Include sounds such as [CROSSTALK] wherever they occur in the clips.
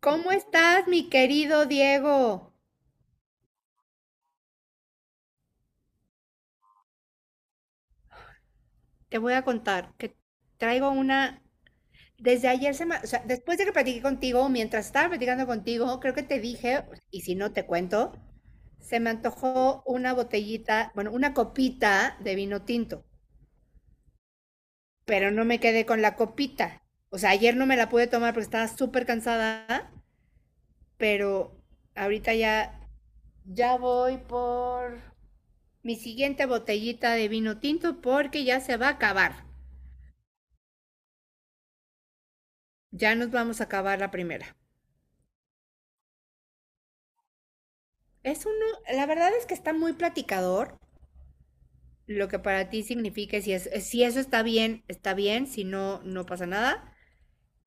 ¿Cómo estás, mi querido Diego? Te voy a contar que traigo una. Desde ayer, o sea, después de que platiqué contigo, mientras estaba platicando contigo, creo que te dije, y si no te cuento, se me antojó una botellita, bueno, una copita de vino tinto, pero no me quedé con la copita. O sea, ayer no me la pude tomar porque estaba súper cansada, pero ahorita ya voy por mi siguiente botellita de vino tinto porque ya se va a acabar. Ya nos vamos a acabar la primera. Es uno, la verdad es que está muy platicador, lo que para ti significa si eso está bien, si no, no pasa nada.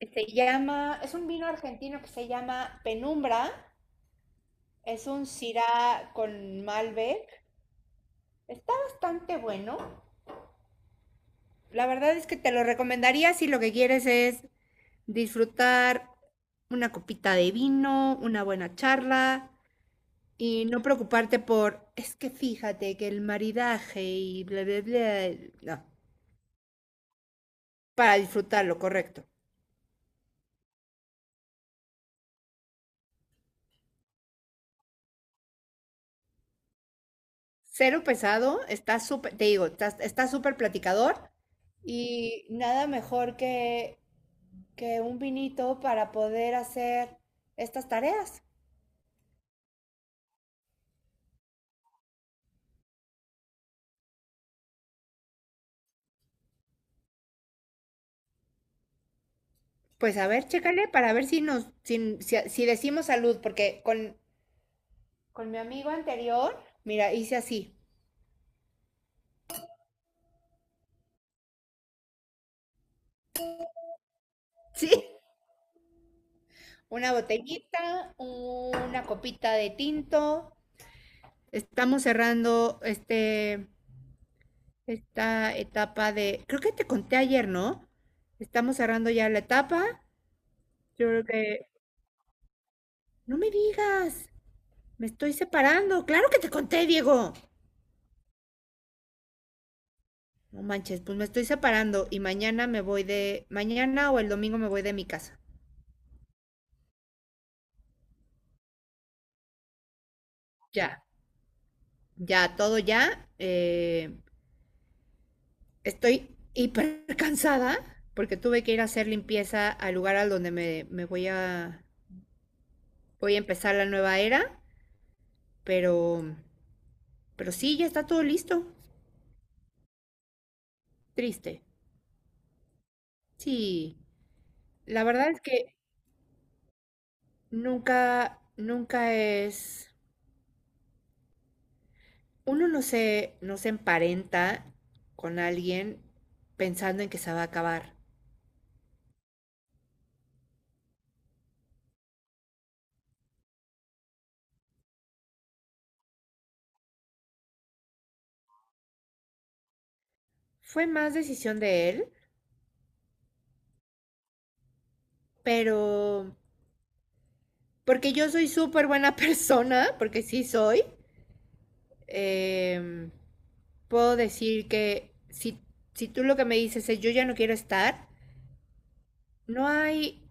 Es un vino argentino que se llama Penumbra, es un Syrah con Malbec. Está bastante bueno. La verdad es que te lo recomendaría si lo que quieres es disfrutar una copita de vino, una buena charla, y no preocuparte es que fíjate que el maridaje y bla, bla, bla. No, para disfrutarlo, correcto. Cero pesado, está súper, te digo, está súper platicador y nada mejor que un vinito para poder hacer estas tareas. Pues a ver, chécale para ver si nos, si, si, si decimos salud, porque con mi amigo anterior, mira, hice así. Sí. Una botellita, una copita de tinto, estamos cerrando esta etapa creo que te conté ayer, ¿no? Estamos cerrando ya la etapa. Yo creo que, no me digas, me estoy separando. Claro que te conté, Diego. No manches, pues me estoy separando y mañana mañana o el domingo me voy de mi casa. Ya, ya, todo ya. Estoy hiper cansada porque tuve que ir a hacer limpieza al lugar al donde me voy a, empezar la nueva era, pero Pero sí, ya está todo listo. Triste. Sí, la verdad es que nunca es, uno no se emparenta con alguien pensando en que se va a acabar. Fue más decisión de él, pero porque yo soy súper buena [LAUGHS] persona, porque sí soy, em, puedo decir que si tú lo que me dices es yo ya no quiero estar, no hay.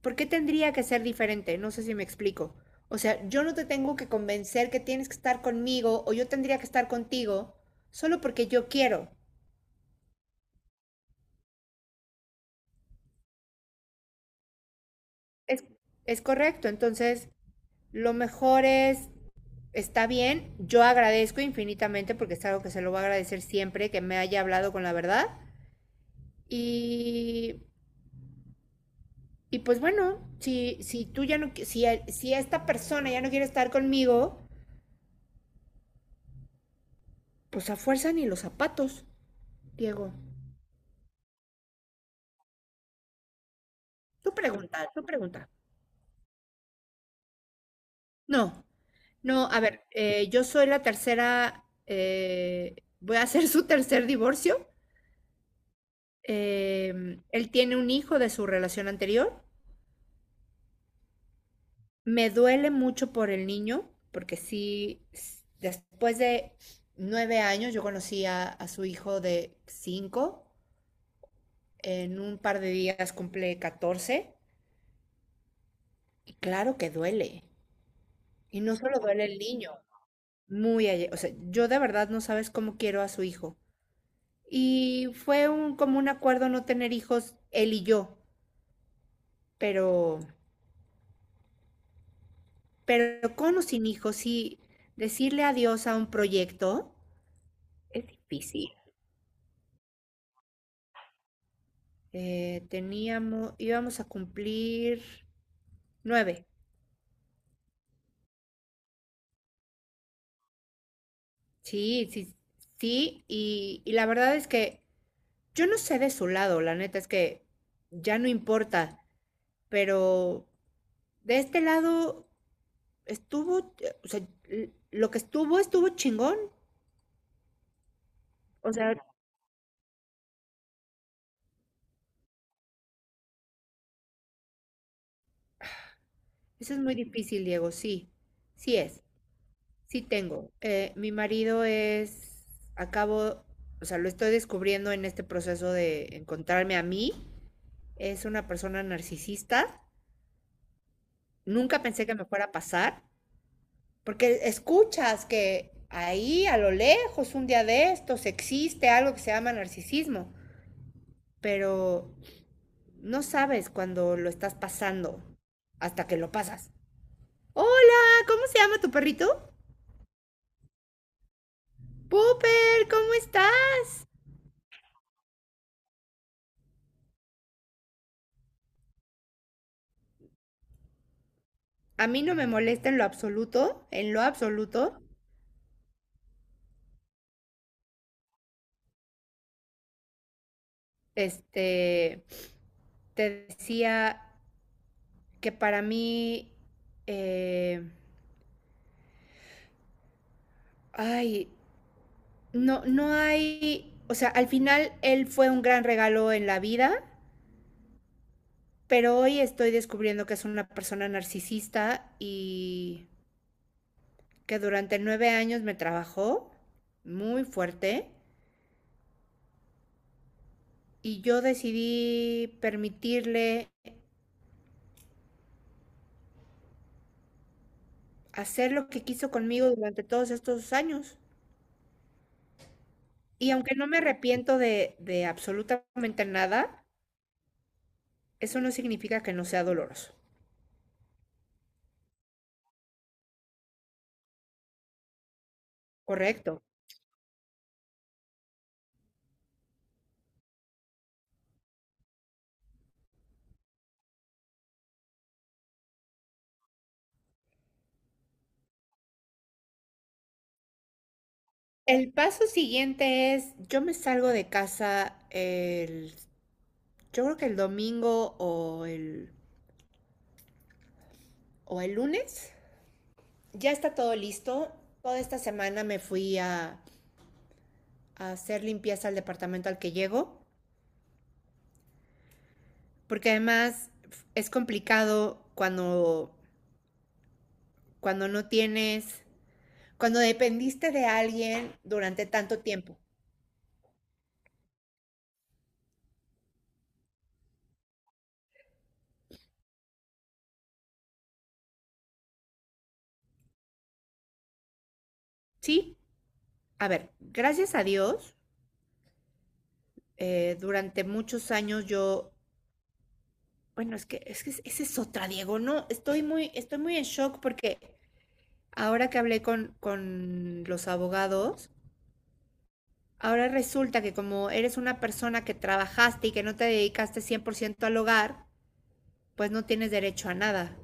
¿Por qué tendría que ser diferente? No sé si me explico. O sea, yo no te tengo que convencer que tienes que estar conmigo o yo tendría que estar contigo solo porque yo quiero. Es, es correcto. Entonces, lo mejor es, está bien, yo agradezco infinitamente porque es algo que se lo voy a agradecer siempre que me haya hablado con la verdad. Y, y pues bueno, si esta persona ya no quiere estar conmigo, pues a fuerza ni los zapatos, Diego. Tú pregunta, tú pregunta. No, no, a ver, yo soy la tercera, voy a hacer su tercer divorcio. Eh, Él tiene un hijo de su relación anterior. Me duele mucho por el niño, porque sí, después de 9 años yo conocí a su hijo de cinco. En un par de días cumple 14. Y claro que duele. Y no solo duele el niño, o sea, yo de verdad no sabes cómo quiero a su hijo. Y fue como un acuerdo no tener hijos, él y yo, pero, pero con o sin hijos, sí, decirle adiós a un proyecto es difícil. Íbamos a cumplir 9. Sí, sí, sí, y la verdad es que yo no sé de su lado, la neta es que ya no importa, pero de este lado estuvo, o sea, lo que estuvo, estuvo chingón. O sea, eso es muy difícil, Diego, sí, sí es, sí tengo. Mi marido es, acabo, o sea, lo estoy descubriendo en este proceso de encontrarme a mí. Es una persona narcisista. Nunca pensé que me fuera a pasar, porque escuchas que ahí a lo lejos, un día de estos, existe algo que se llama narcisismo, pero no sabes cuando lo estás pasando hasta que lo pasas. Hola, ¿cómo se llama tu perrito? Pooper, ¿cómo estás? A mí no me molesta en lo absoluto, en lo absoluto. Este, te decía que para mí, eh, ay, no, no hay, o sea, al final él fue un gran regalo en la vida, pero hoy estoy descubriendo que es una persona narcisista y que durante 9 años me trabajó muy fuerte y yo decidí permitirle hacer lo que quiso conmigo durante todos estos años. Y aunque no me arrepiento de absolutamente nada, eso no significa que no sea doloroso. Correcto. El paso siguiente es, yo me salgo de casa yo creo que el domingo o el lunes. Ya está todo listo. Toda esta semana me fui a hacer limpieza al departamento al que llego, porque además es complicado cuando no tienes, cuando dependiste de alguien durante tanto tiempo. Sí, a ver, gracias a Dios, durante muchos años yo, bueno, esa es otra, Diego, no, estoy muy en shock porque ahora que hablé con los abogados, ahora resulta que como eres una persona que trabajaste y que no te dedicaste 100% al hogar, pues no tienes derecho a nada.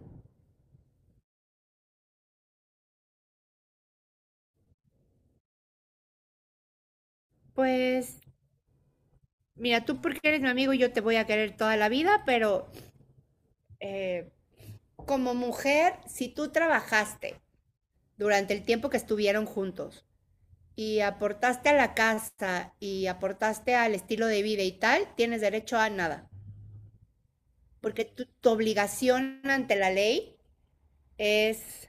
Pues, mira, tú porque eres mi amigo y yo te voy a querer toda la vida, pero eh, como mujer, si tú trabajaste durante el tiempo que estuvieron juntos, y aportaste a la casa y aportaste al estilo de vida y tal, tienes derecho a nada. Porque tu obligación ante la ley es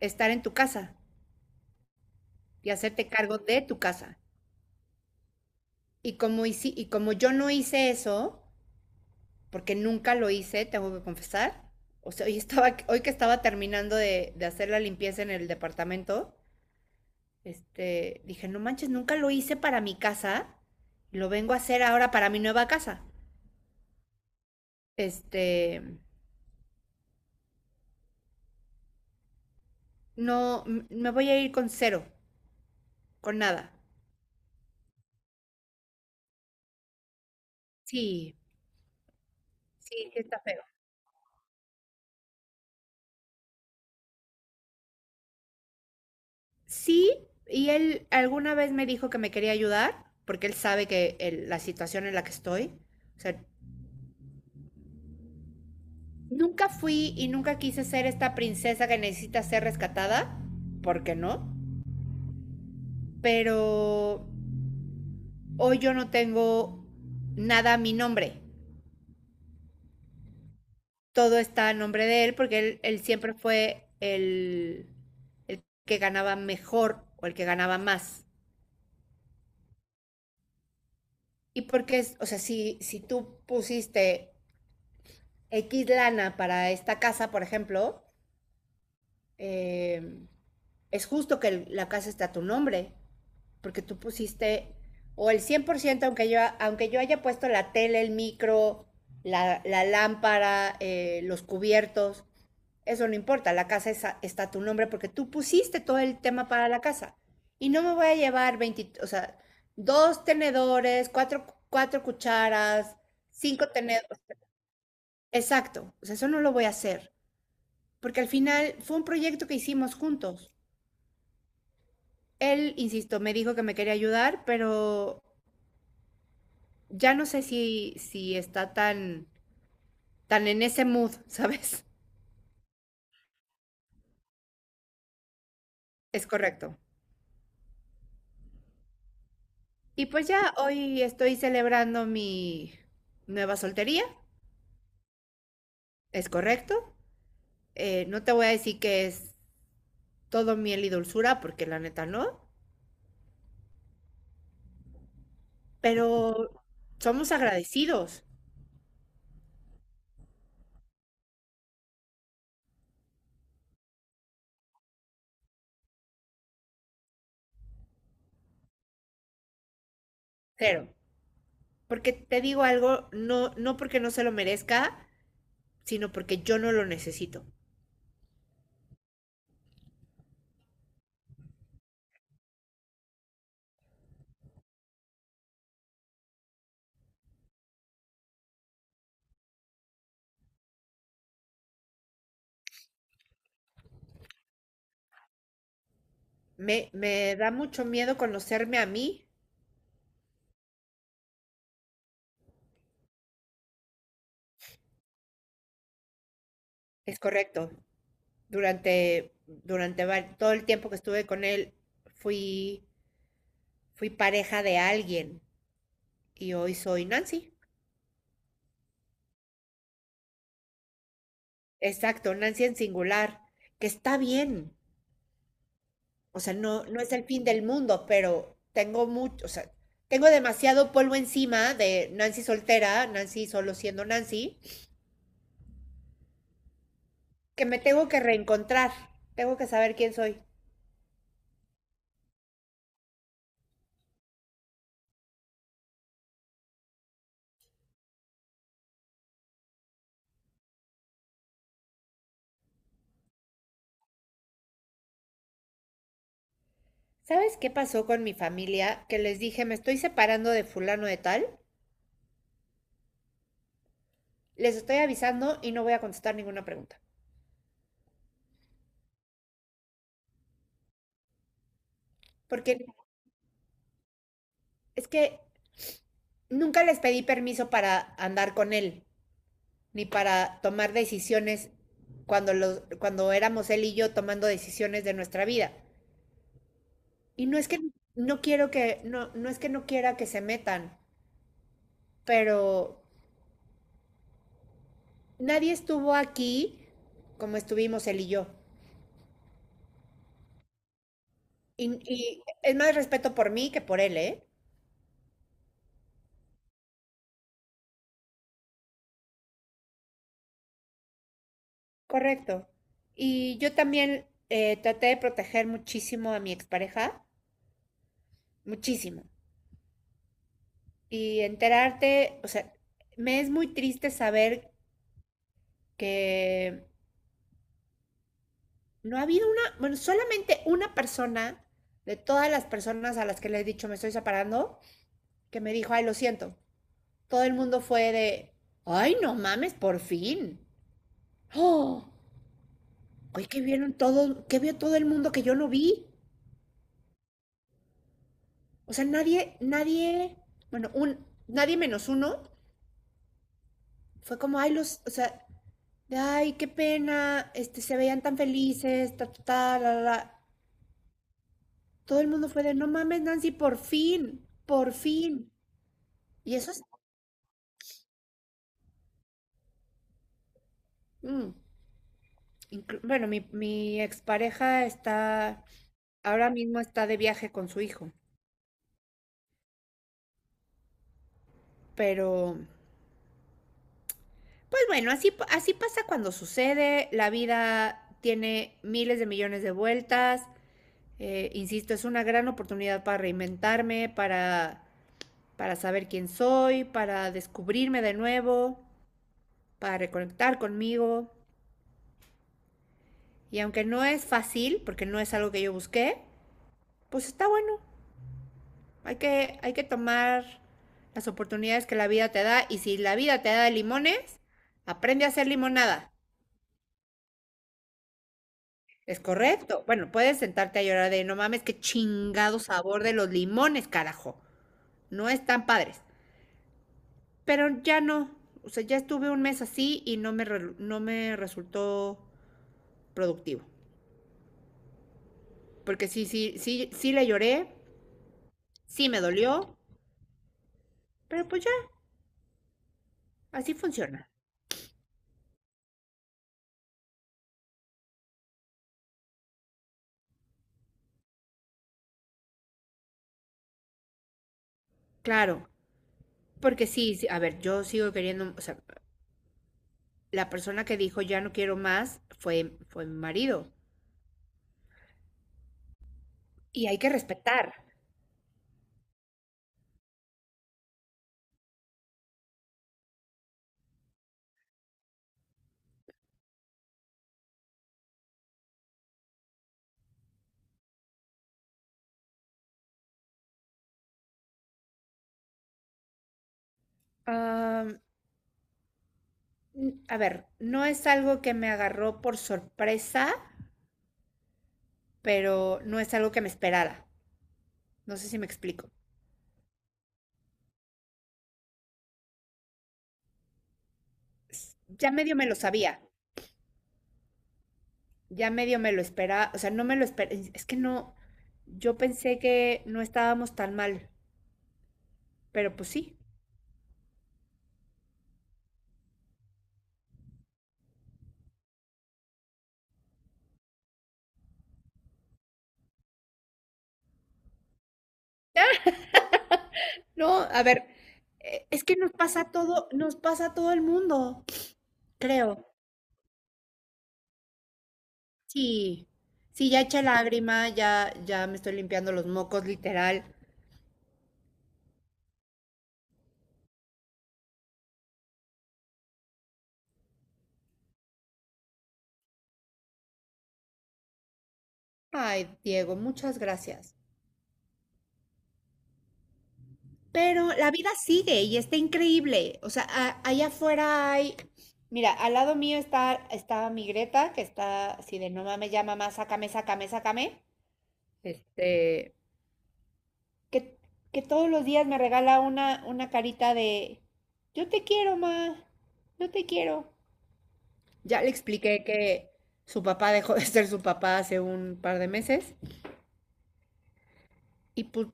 estar en tu casa y hacerte cargo de tu casa. Y como yo no hice eso, porque nunca lo hice, tengo que confesar, o sea, hoy, estaba, hoy que estaba terminando de hacer la limpieza en el departamento, este, dije, no manches, nunca lo hice para mi casa, lo vengo a hacer ahora para mi nueva casa. Este, no, me voy a ir con cero, con nada. Sí, sí, sí está feo. Sí, y él alguna vez me dijo que me quería ayudar, porque él sabe que la situación en la que estoy. O sea, nunca fui y nunca quise ser esta princesa que necesita ser rescatada, porque no. Pero hoy yo no tengo nada a mi nombre. Todo está a nombre de él, porque él siempre fue el que ganaba mejor o el que ganaba más. Y porque, o sea, si tú pusiste X lana para esta casa, por ejemplo, eh, es justo que la casa está a tu nombre, porque tú pusiste o el 100% aunque yo, haya puesto la tele, el micro, la lámpara, los cubiertos, eso no importa, la casa es está a tu nombre porque tú pusiste todo el tema para la casa. Y no me voy a llevar 20, o sea, dos tenedores, cuatro cucharas, cinco tenedores. Exacto, o sea, eso no lo voy a hacer, porque al final fue un proyecto que hicimos juntos. Él, insisto, me dijo que me quería ayudar, pero ya no sé si está tan, tan en ese mood, [LAUGHS] ¿sabes? Es correcto. Y pues ya hoy estoy celebrando mi nueva soltería, es correcto. No te voy a decir que es todo miel y dulzura, porque la neta no, pero somos agradecidos, cero. Porque te digo algo, no, no porque no se lo merezca, sino porque yo no lo necesito. Me da mucho miedo conocerme a mí, es correcto. Durante todo el tiempo que estuve con él, fui, fui pareja de alguien y hoy soy Nancy. Exacto, Nancy en singular, que está bien. O sea, no, no es el fin del mundo, pero tengo mucho, o sea, tengo demasiado polvo encima de Nancy soltera, Nancy solo siendo Nancy que me tengo que reencontrar, tengo que saber quién soy. ¿Sabes qué pasó con mi familia? Que les dije, me estoy separando de fulano de tal, les estoy avisando y no voy a contestar ninguna pregunta. Porque es que nunca les pedí permiso para andar con él, ni para tomar decisiones cuando, los, cuando éramos él y yo tomando decisiones de nuestra vida. Y no es que no quiero que, no, no es que no quiera que se metan, pero nadie estuvo aquí como estuvimos él y yo. Y es más respeto por mí que por él, ¿eh? Correcto. Y yo también traté de proteger muchísimo a mi expareja, muchísimo. Y enterarte, o sea, me es muy triste saber que no ha habido una, bueno, solamente una persona de todas las personas a las que le he dicho me estoy separando, que me dijo, ay, lo siento. Todo el mundo fue de, ay, no mames, por fin. Oh, oye, que vieron todo, ¿qué vio todo el mundo que yo no vi? O sea, nadie, nadie, bueno, un, nadie menos uno fue como, ay, los, o sea, de, ay, qué pena, se veían tan felices, todo el mundo fue de, no mames, Nancy, por fin, por fin. Y eso es, mm, inclu- bueno, Mi expareja está, ahora mismo está de viaje con su hijo, pero pues bueno, así pasa cuando sucede. La vida tiene miles de millones de vueltas. Insisto, es una gran oportunidad para reinventarme, para saber quién soy, para descubrirme de nuevo, para reconectar conmigo. Y aunque no es fácil, porque no es algo que yo busqué, pues está bueno. Hay que tomar las oportunidades que la vida te da. Y si la vida te da limones, aprende a hacer limonada. Es correcto. Bueno, puedes sentarte a llorar de no mames, qué chingado sabor de los limones, carajo. No están padres, pero ya no. O sea, ya estuve un mes así y no me resultó productivo. Porque sí, le lloré, sí me dolió, pero pues ya, así funciona. Claro, porque a ver, yo sigo queriendo. O sea, la persona que dijo ya no quiero más fue mi marido. Y hay que respetar. Ah, a ver, no es algo que me agarró por sorpresa, pero no es algo que me esperara. No sé si me explico. Ya medio me lo sabía, ya medio me lo esperaba. O sea, no me lo esperaba, es que no, yo pensé que no estábamos tan mal, pero pues sí. No, a ver, es que nos pasa todo, nos pasa a todo el mundo, creo. Sí, sí, ya eché lágrima, ya, ya me estoy limpiando los mocos, literal. Ay, Diego, muchas gracias. Pero la vida sigue y está increíble. O sea, allá afuera hay. Mira, al lado mío está mi Greta, que está así de no mames, ya mamá, sácame, sácame, sácame. Este, Que, que todos los días me regala una carita de yo te quiero, ma, yo te quiero. Ya le expliqué que su papá dejó de ser su papá hace un par de meses y pues,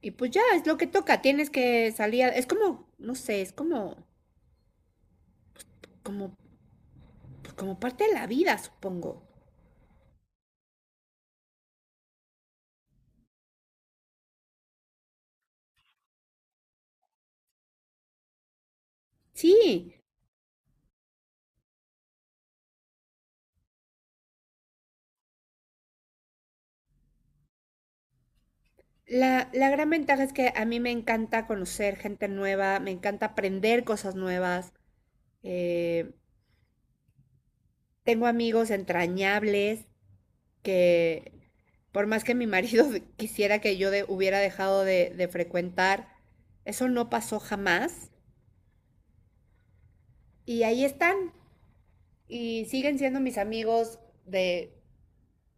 y pues ya es lo que toca, tienes que salir. Es como, no sé, es como, como, pues como parte de la vida, supongo. Sí, la gran ventaja es que a mí me encanta conocer gente nueva, me encanta aprender cosas nuevas. eh, Tengo amigos entrañables que, por más que mi marido [LAUGHS] quisiera que hubiera dejado de frecuentar, eso no pasó jamás. Y ahí están. Y siguen siendo mis amigos de,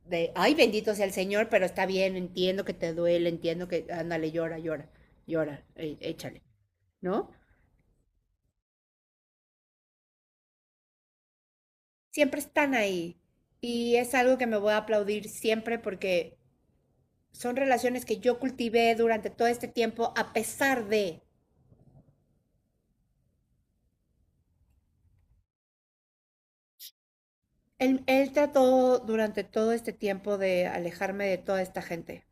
ay, bendito sea el Señor, pero está bien, entiendo que te duele, entiendo que, ándale, llora, llora, llora, échale, ¿no? Siempre están ahí. Y es algo que me voy a aplaudir siempre porque son relaciones que yo cultivé durante todo este tiempo a pesar de... Él trató durante todo este tiempo de alejarme de toda esta gente.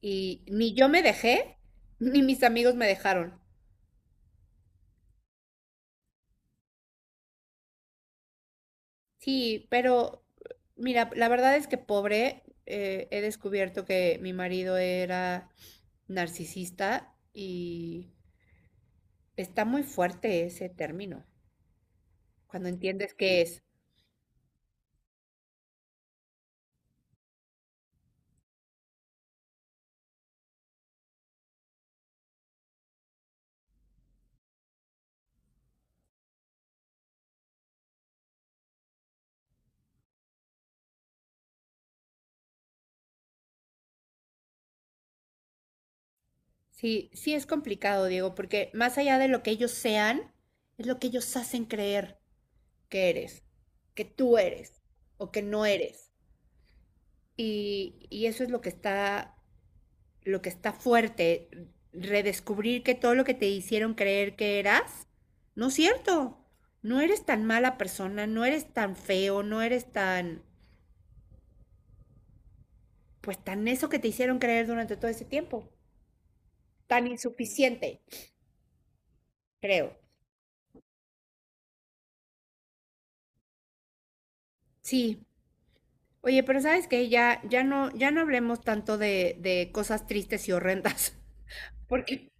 Y ni yo me dejé, ni mis amigos me dejaron. Sí, pero mira, la verdad es que pobre, he descubierto que mi marido era narcisista, y está muy fuerte ese término, cuando entiendes qué es. Sí, sí es complicado, Diego, porque más allá de lo que ellos sean, es lo que ellos hacen creer. que eres, que tú eres o que no eres. Y eso es lo que está fuerte, redescubrir que todo lo que te hicieron creer que eras, no es cierto. No eres tan mala persona, no eres tan feo, no eres tan, pues tan eso que te hicieron creer durante todo ese tiempo. Tan insuficiente, creo. Sí. Oye, pero sabes que ya, ya no, ya no hablemos tanto de cosas tristes y horrendas. [LAUGHS] Porque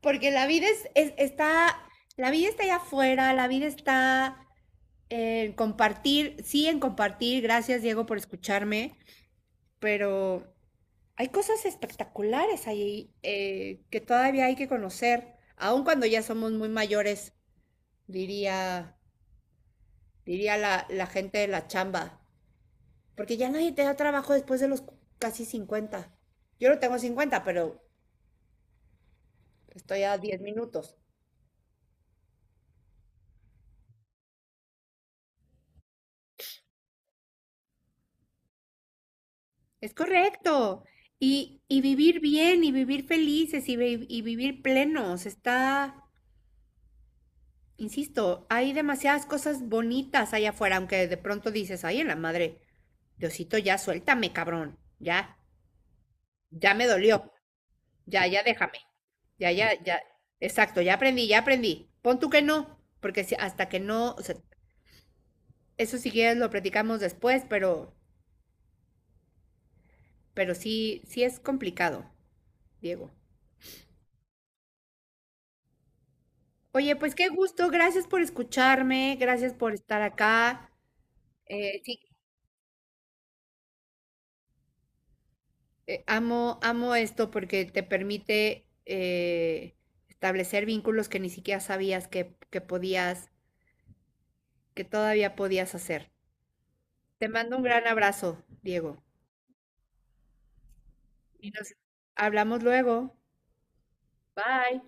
Porque la vida es, está, la vida está allá afuera, la vida está en compartir, sí, en compartir. Gracias, Diego, por escucharme. Pero hay cosas espectaculares ahí, que todavía hay que conocer, aun cuando ya somos muy mayores, diría, diría la gente de la chamba, porque ya nadie te da trabajo después de los casi 50. Yo no tengo 50, pero estoy a 10 minutos. Es correcto. Y vivir bien y vivir felices y, y vivir plenos. Está, insisto, hay demasiadas cosas bonitas allá afuera, aunque de pronto dices, ay, en la madre, Diosito, ya suéltame, cabrón. Ya, ya me dolió. Ya, ya déjame. Ya, ya, ya. Exacto, ya aprendí, ya aprendí. Pon tú que no, porque hasta que no, o sea, eso si quieres lo platicamos después, pero sí, sí es complicado, Diego. Oye, pues qué gusto, gracias por escucharme, gracias por estar acá. Sí, amo, amo esto porque te permite, establecer vínculos que ni siquiera sabías que podías, que todavía podías hacer. Te mando un gran abrazo, Diego. Y nos hablamos luego. Bye.